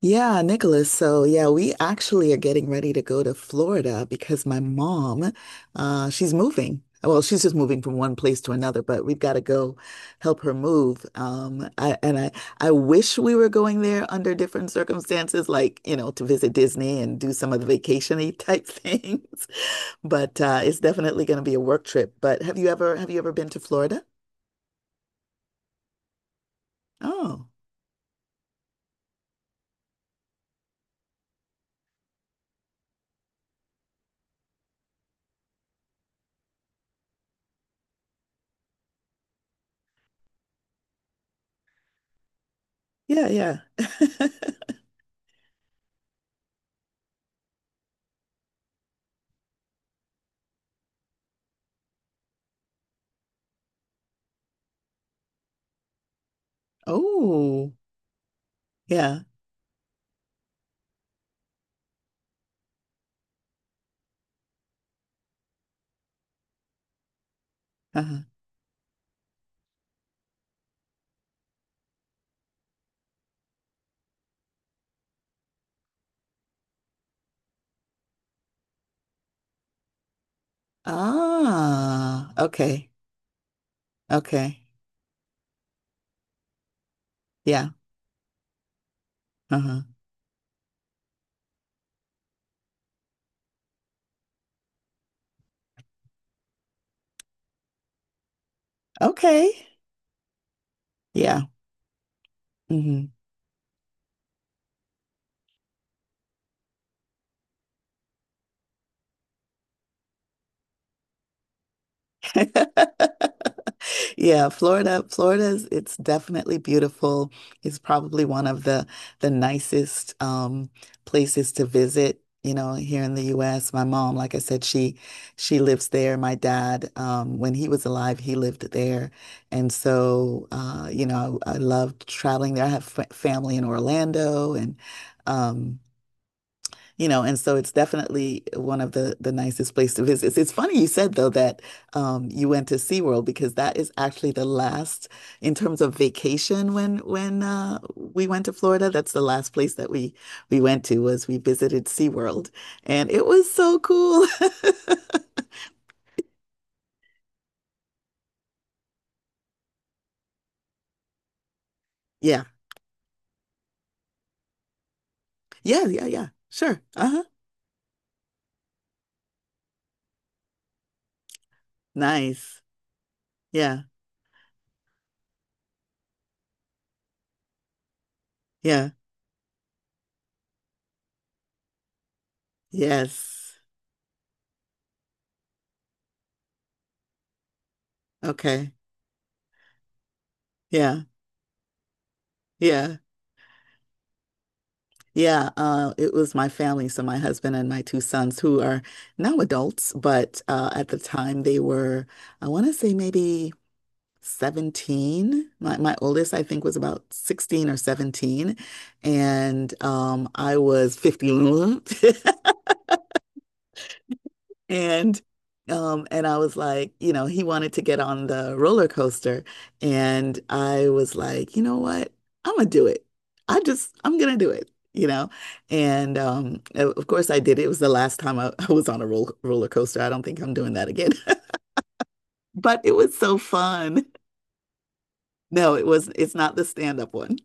Yeah, Nicholas. So, yeah, we actually are getting ready to go to Florida because my mom, she's moving. Well, she's just moving from one place to another, but we've got to go help her move. I wish we were going there under different circumstances, like, to visit Disney and do some of the vacation-y type things. But it's definitely going to be a work trip. But have you ever been to Florida? Oh, yeah, yeah. Oh, yeah. Uh-huh. Ah, okay. Okay. Yeah. Uh-huh. Okay. Yeah. Hmm. Yeah, Florida, Florida's it's definitely beautiful. It's probably one of the nicest places to visit, you know, here in the US. My mom, like I said, she lives there. My dad, when he was alive, he lived there. And so I loved traveling there. I have f family in Orlando, um and so it's definitely one of the nicest place to visit. It's funny you said though that you went to SeaWorld, because that is actually the last in terms of vacation when we went to Florida. That's the last place that we went to was we visited SeaWorld, and it was so cool. Yeah, yeah, yeah, yeah. Sure. Uh-huh. Nice. Yeah, yeah. Yes. Okay. Yeah, yeah. Yeah, it was my family, so my husband and my two sons, who are now adults, but at the time they were, I want to say maybe 17. My oldest, I think, was about 16 or 17, and I was 50. And and I was like, he wanted to get on the roller coaster, and I was like, you know what? I'm gonna do it. I'm gonna do it. Of course I did. It was the last time I, I was on a roller coaster. I don't think I'm doing that again. But it was so fun. No, it's not the stand-up one.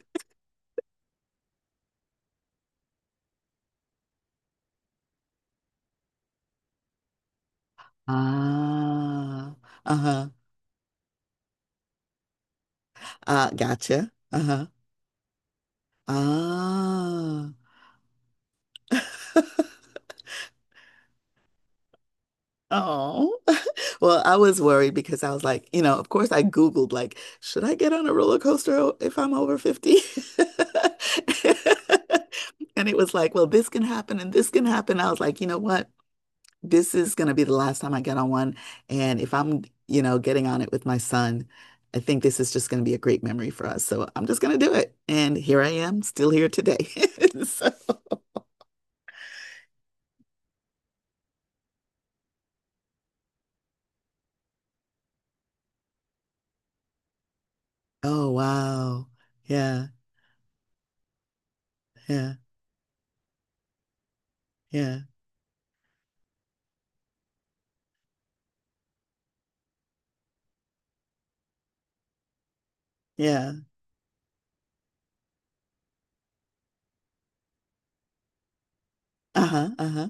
Ah, uh-huh. Gotcha. Uh-huh. Ah. Oh. Well, I was worried because I was like, of course I Googled, like, should I get on a roller coaster if I'm over 50? And it was like, well, this can happen and this can happen. I was like, you know what? This is going to be the last time I get on one. And if I'm, getting on it with my son, I think this is just going to be a great memory for us. So I'm just going to do it. And here I am, still here today. So, oh, wow. Yeah, yeah, yeah, yeah. Uh-huh, uh-huh.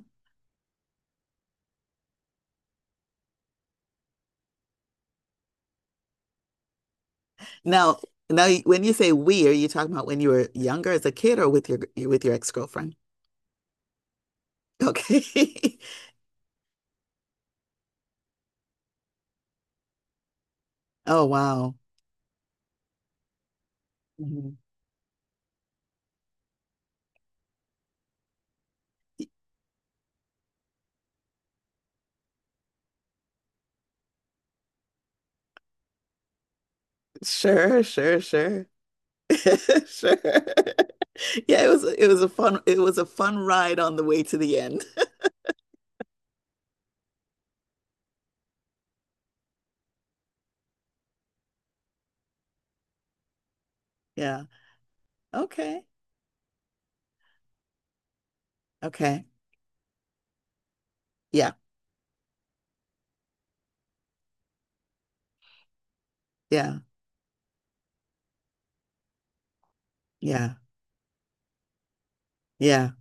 Now, now, when you say we, are you talking about when you were younger as a kid, or with your ex-girlfriend? Okay. Oh, wow. Mhm. Sure, sure, sure. Sure. Yeah, it was a fun it was a fun ride on the way to the end. Yeah. Okay. Okay. Yeah. Yeah. Yeah. Yeah.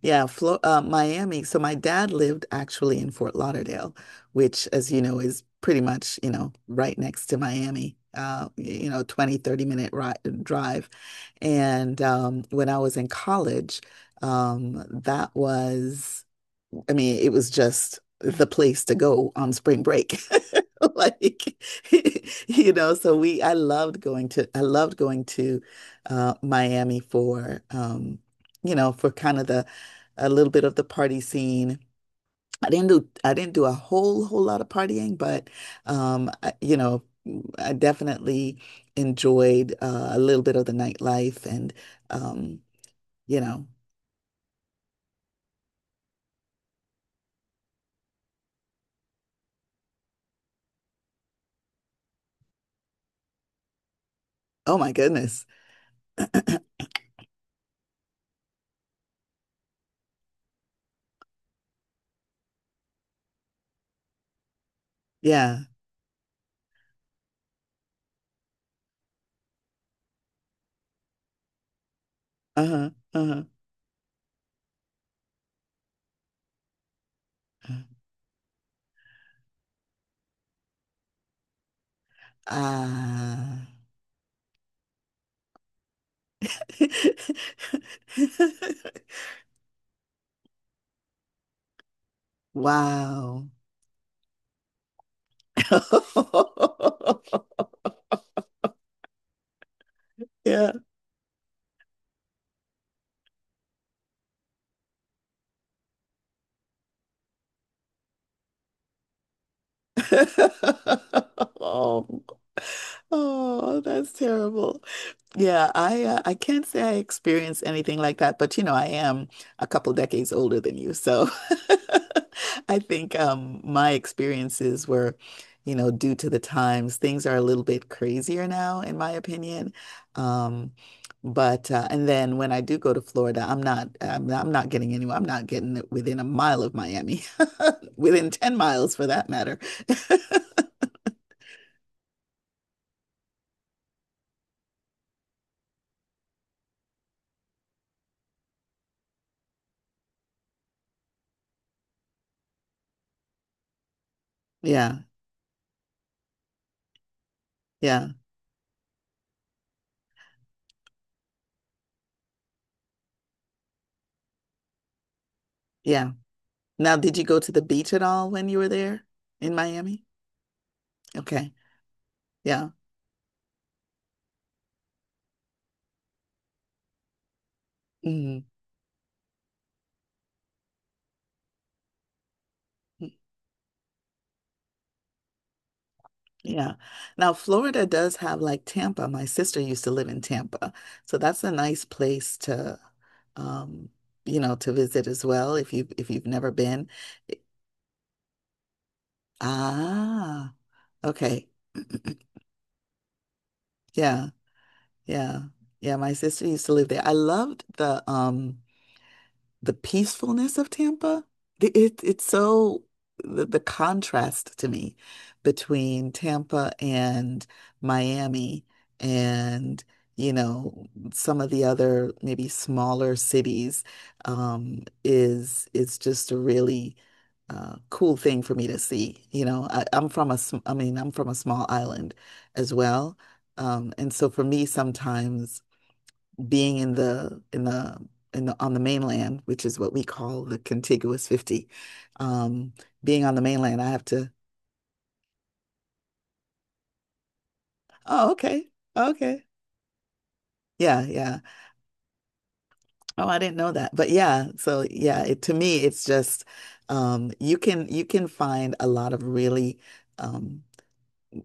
Yeah, Flo Miami. So my dad lived actually in Fort Lauderdale, which, as you know, is pretty much, right next to Miami, 20-30 minute ri drive. And when I was in college, that was I mean, it was just the place to go on spring break. Like, I loved going to Miami for, kind of a little bit of the party scene. I didn't do a whole, whole lot of partying, but, um, I, you know, I definitely enjoyed a little bit of the nightlife um, you know, oh my goodness. Yeah. Uh-huh. Uh-huh. Uh-huh. Ah. Wow. Yeah. Oh, oh, that's terrible. Yeah, I can't say I experienced anything like that, but I am a couple decades older than you, so I think my experiences were, due to the times. Things are a little bit crazier now, in my opinion. Um, but and then when I do go to Florida, I'm not getting anywhere. I'm not getting within a mile of Miami, within 10 miles for that matter. Yeah, yeah, yeah. Now, did you go to the beach at all when you were there in Miami? Okay. Yeah. Mhm. Yeah. Now, Florida does have like Tampa. My sister used to live in Tampa. So that's a nice place um, to visit as well, if you've never been. Ah, okay. Yeah. Yeah. Yeah, my sister used to live there. I loved the peacefulness of Tampa. It, it- it's so the contrast to me between Tampa and Miami and you know some of the other maybe smaller cities, is just a really cool thing for me to see. You know, I mean, I'm from a small island as well. And so for me, sometimes being in the in the in the on the mainland, which is what we call the contiguous 50. Um, being on the mainland, I have to. Oh, okay. Okay. Yeah, yeah. Oh, I didn't know that. But yeah, so yeah, to me it's just you can find a lot of really um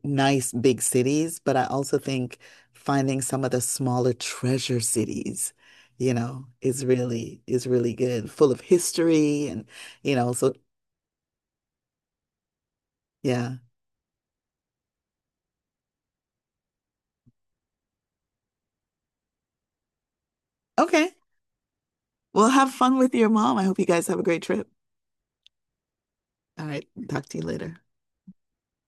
nice big cities, but I also think finding some of the smaller treasure cities, is really good, full of history and so yeah. Okay. Well, have fun with your mom. I hope you guys have a great trip. All right. Talk to you later.